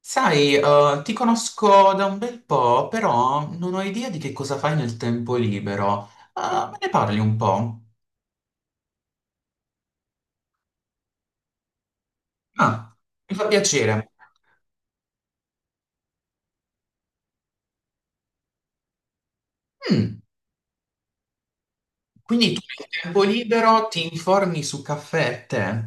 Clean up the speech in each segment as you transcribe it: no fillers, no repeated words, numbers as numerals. Sai, ti conosco da un bel po', però non ho idea di che cosa fai nel tempo libero. Me ne parli un po'? Ah, mi fa piacere. Mm, quindi tu nel tempo libero ti informi su caffè e tè?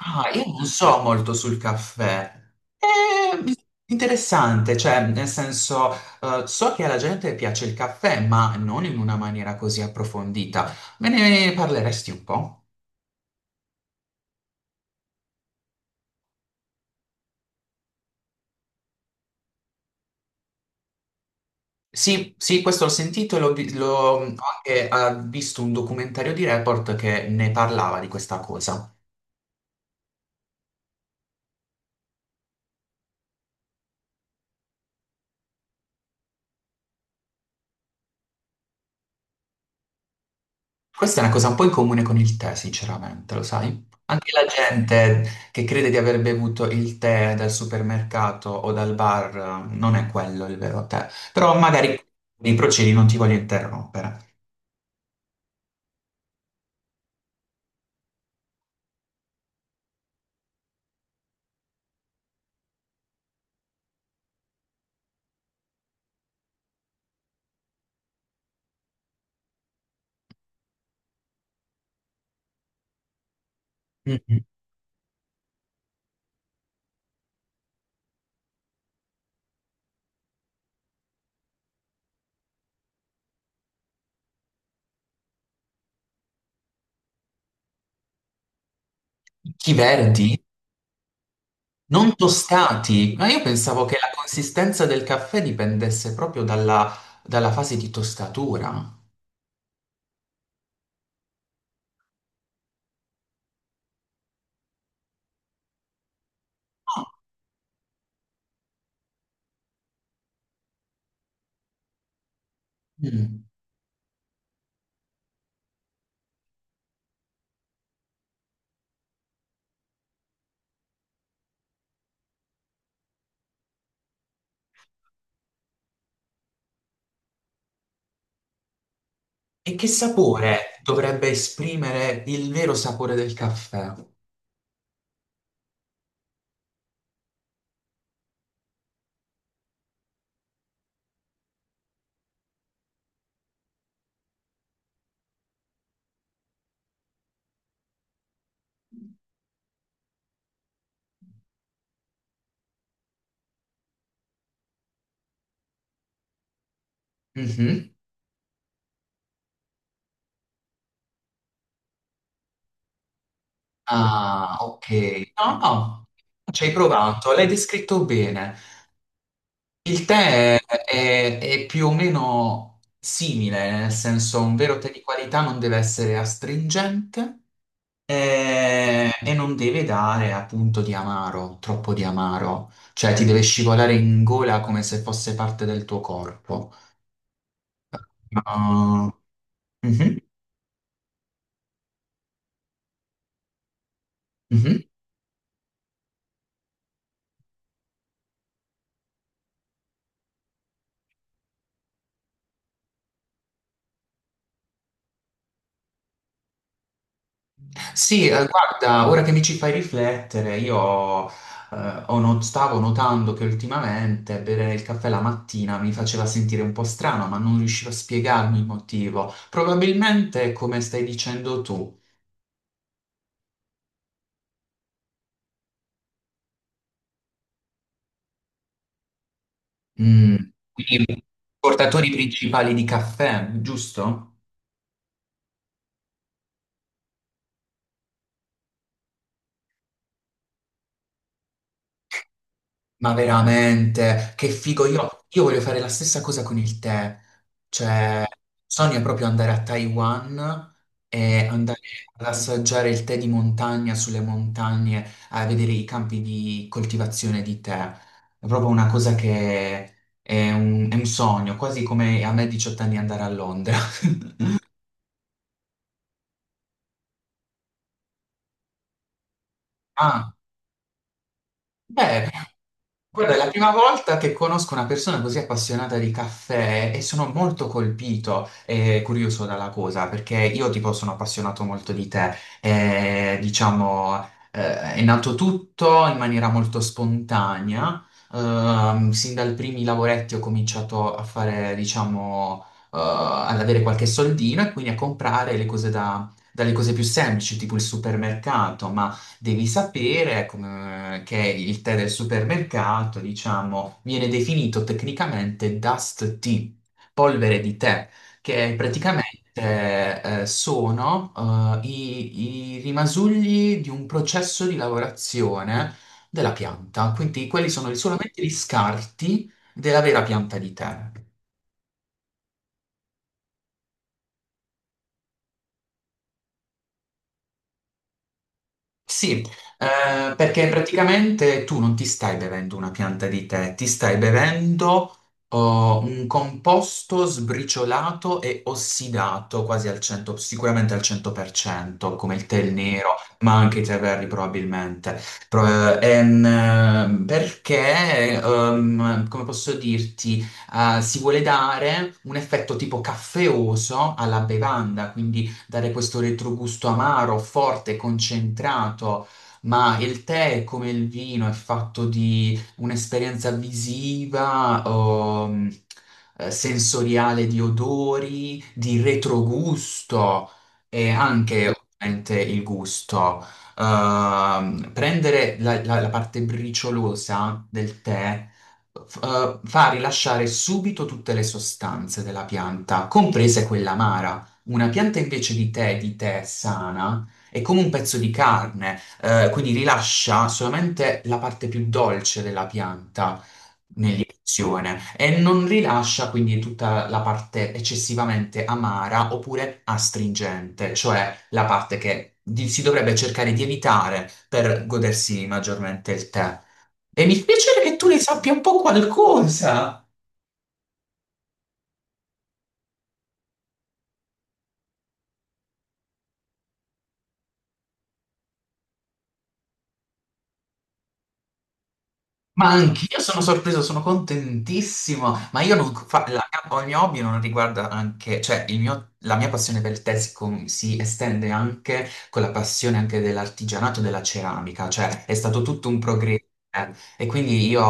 Ah, io non so molto sul caffè. È interessante, cioè, nel senso, so che alla gente piace il caffè, ma non in una maniera così approfondita. Me ne parleresti un po'? Sì, sì, questo l'ho sentito e ho anche visto un documentario di Report che ne parlava di questa cosa. Questa è una cosa un po' in comune con il tè, sinceramente, lo sai? Anche la gente che crede di aver bevuto il tè dal supermercato o dal bar, non è quello il vero tè. Però magari i procedi non ti voglio interrompere. Mhm. Chi verdi? Non tostati, ma io pensavo che la consistenza del caffè dipendesse proprio dalla fase di tostatura. Ah, mm. E che sapore dovrebbe esprimere il vero sapore del caffè? Mhm. Ah, ok. No, no, ci hai provato, l'hai descritto bene. Il tè è più o meno simile, nel senso un vero tè di qualità non deve essere astringente, e non deve dare appunto di amaro, troppo di amaro, cioè ti deve scivolare in gola come se fosse parte del tuo corpo. Ah, mhm. Mhm. Sì, guarda, ora che mi ci fai riflettere, io ho not- stavo notando che ultimamente bere il caffè la mattina mi faceva sentire un po' strano, ma non riuscivo a spiegarmi il motivo. Probabilmente è come stai dicendo tu. Mm, quindi portatori principali di caffè, giusto? Ma veramente, che figo, io voglio fare la stessa cosa con il tè, cioè sogno proprio andare a Taiwan e andare ad assaggiare il tè di montagna sulle montagne, a vedere i campi di coltivazione di tè. È proprio una cosa che è un sogno, quasi come a me a 18 anni andare a Londra. Ah, beh, guarda, è la prima volta che conosco una persona così appassionata di caffè e sono molto colpito e curioso dalla cosa, perché io tipo sono appassionato molto di tè. E, diciamo, è nato tutto in maniera molto spontanea. Sin dai primi lavoretti ho cominciato a fare, diciamo, ad avere qualche soldino e quindi a comprare le cose dalle cose più semplici, tipo il supermercato, devi sapere che il tè del supermercato, diciamo, viene definito tecnicamente dust tea, polvere di tè, che praticamente sono i rimasugli di un processo di lavorazione della pianta, quindi quelli sono solamente gli scarti della vera pianta di tè. Sì, perché praticamente tu non ti stai bevendo una pianta di tè, ti stai bevendo oh, un composto sbriciolato e ossidato quasi al 100, sicuramente al 100%, come il tè nero, ma anche i tè verdi probabilmente. Pro- eh, ehm, perché, come posso dirti, si vuole dare un effetto tipo caffeoso alla bevanda, quindi dare questo retrogusto amaro, forte, concentrato, ma il tè, come il vino, è fatto di un'esperienza visiva, sensoriale di odori, di retrogusto e anche ovviamente il gusto. Prendere la parte briciolosa del tè f- fa rilasciare subito tutte le sostanze della pianta, comprese quella amara. Una pianta invece di tè sana, è come un pezzo di carne, quindi rilascia solamente la parte più dolce della pianta nell'iniezione e non rilascia quindi tutta la parte eccessivamente amara oppure astringente, cioè la parte si dovrebbe cercare di evitare per godersi maggiormente il tè. E mi piacerebbe che tu ne sappia un po' qualcosa. Ma anch'io sono sorpreso, sono contentissimo, ma io non fa- la, ho il mio hobby non riguarda anche, cioè la mia passione per il tè si, si estende anche con la passione anche dell'artigianato e della ceramica, cioè è stato tutto un progresso. E quindi io,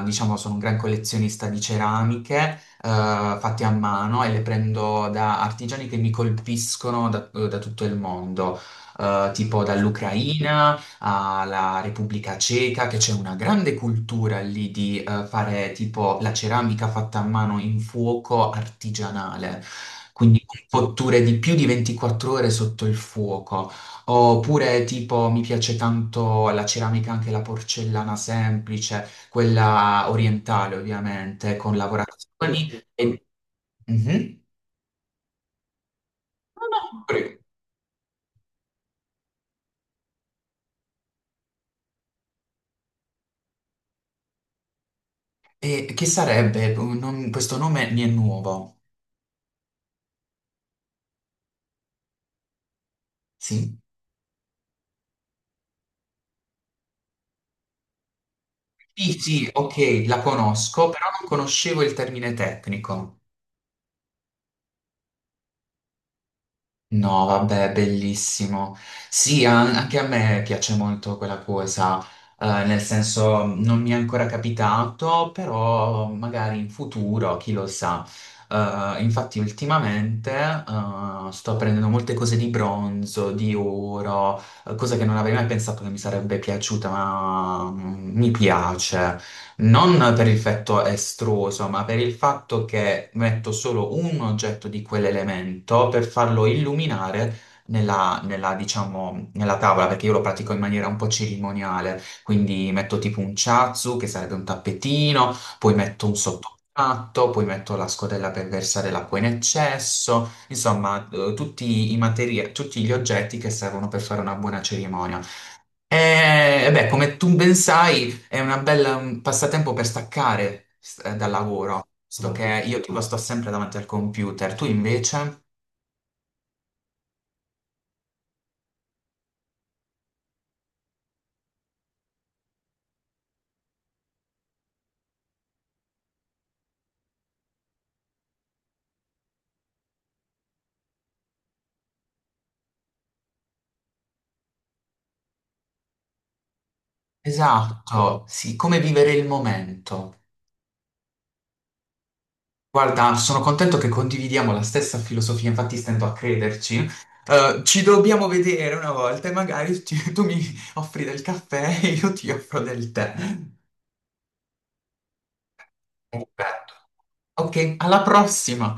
diciamo, sono un gran collezionista di ceramiche fatte a mano e le prendo da artigiani che mi colpiscono da tutto il mondo, tipo dall'Ucraina alla Repubblica Ceca, che c'è una grande cultura lì di fare tipo la ceramica fatta a mano in fuoco artigianale, quindi con cotture di più di 24 ore sotto il fuoco. Oppure tipo mi piace tanto la ceramica, anche la porcellana semplice, quella orientale ovviamente, con lavorazioni e... Mhm. No, no, prego. E che sarebbe? Questo nome mi è nuovo. Sì. Sì, sì, ok, la conosco, però non conoscevo il termine tecnico. No, vabbè, bellissimo. Sì, anche a me piace molto quella cosa, nel senso non mi è ancora capitato, però magari in futuro, chi lo sa. Infatti ultimamente, sto prendendo molte cose di bronzo, di oro, cosa che non avrei mai pensato che mi sarebbe piaciuta, ma mi piace. Non per il fatto estruso, ma per il fatto che metto solo un oggetto di quell'elemento per farlo illuminare diciamo, nella tavola, perché io lo pratico in maniera un po' cerimoniale. Quindi metto tipo un chazu, che sarebbe un tappetino, poi metto un sottopatto, poi metto la scodella per versare l'acqua in eccesso, insomma, tutti i tutti gli oggetti che servono per fare una buona cerimonia. E beh, come tu ben sai, è una bella, un passatempo per staccare dal lavoro, visto che io tipo sto sempre davanti al computer, tu invece? Esatto, sì, come vivere il momento. Guarda, sono contento che condividiamo la stessa filosofia, infatti stento a crederci. Ci dobbiamo vedere una volta e magari tu mi offri del caffè e io ti offro del tè. Perfetto. Ok, alla prossima!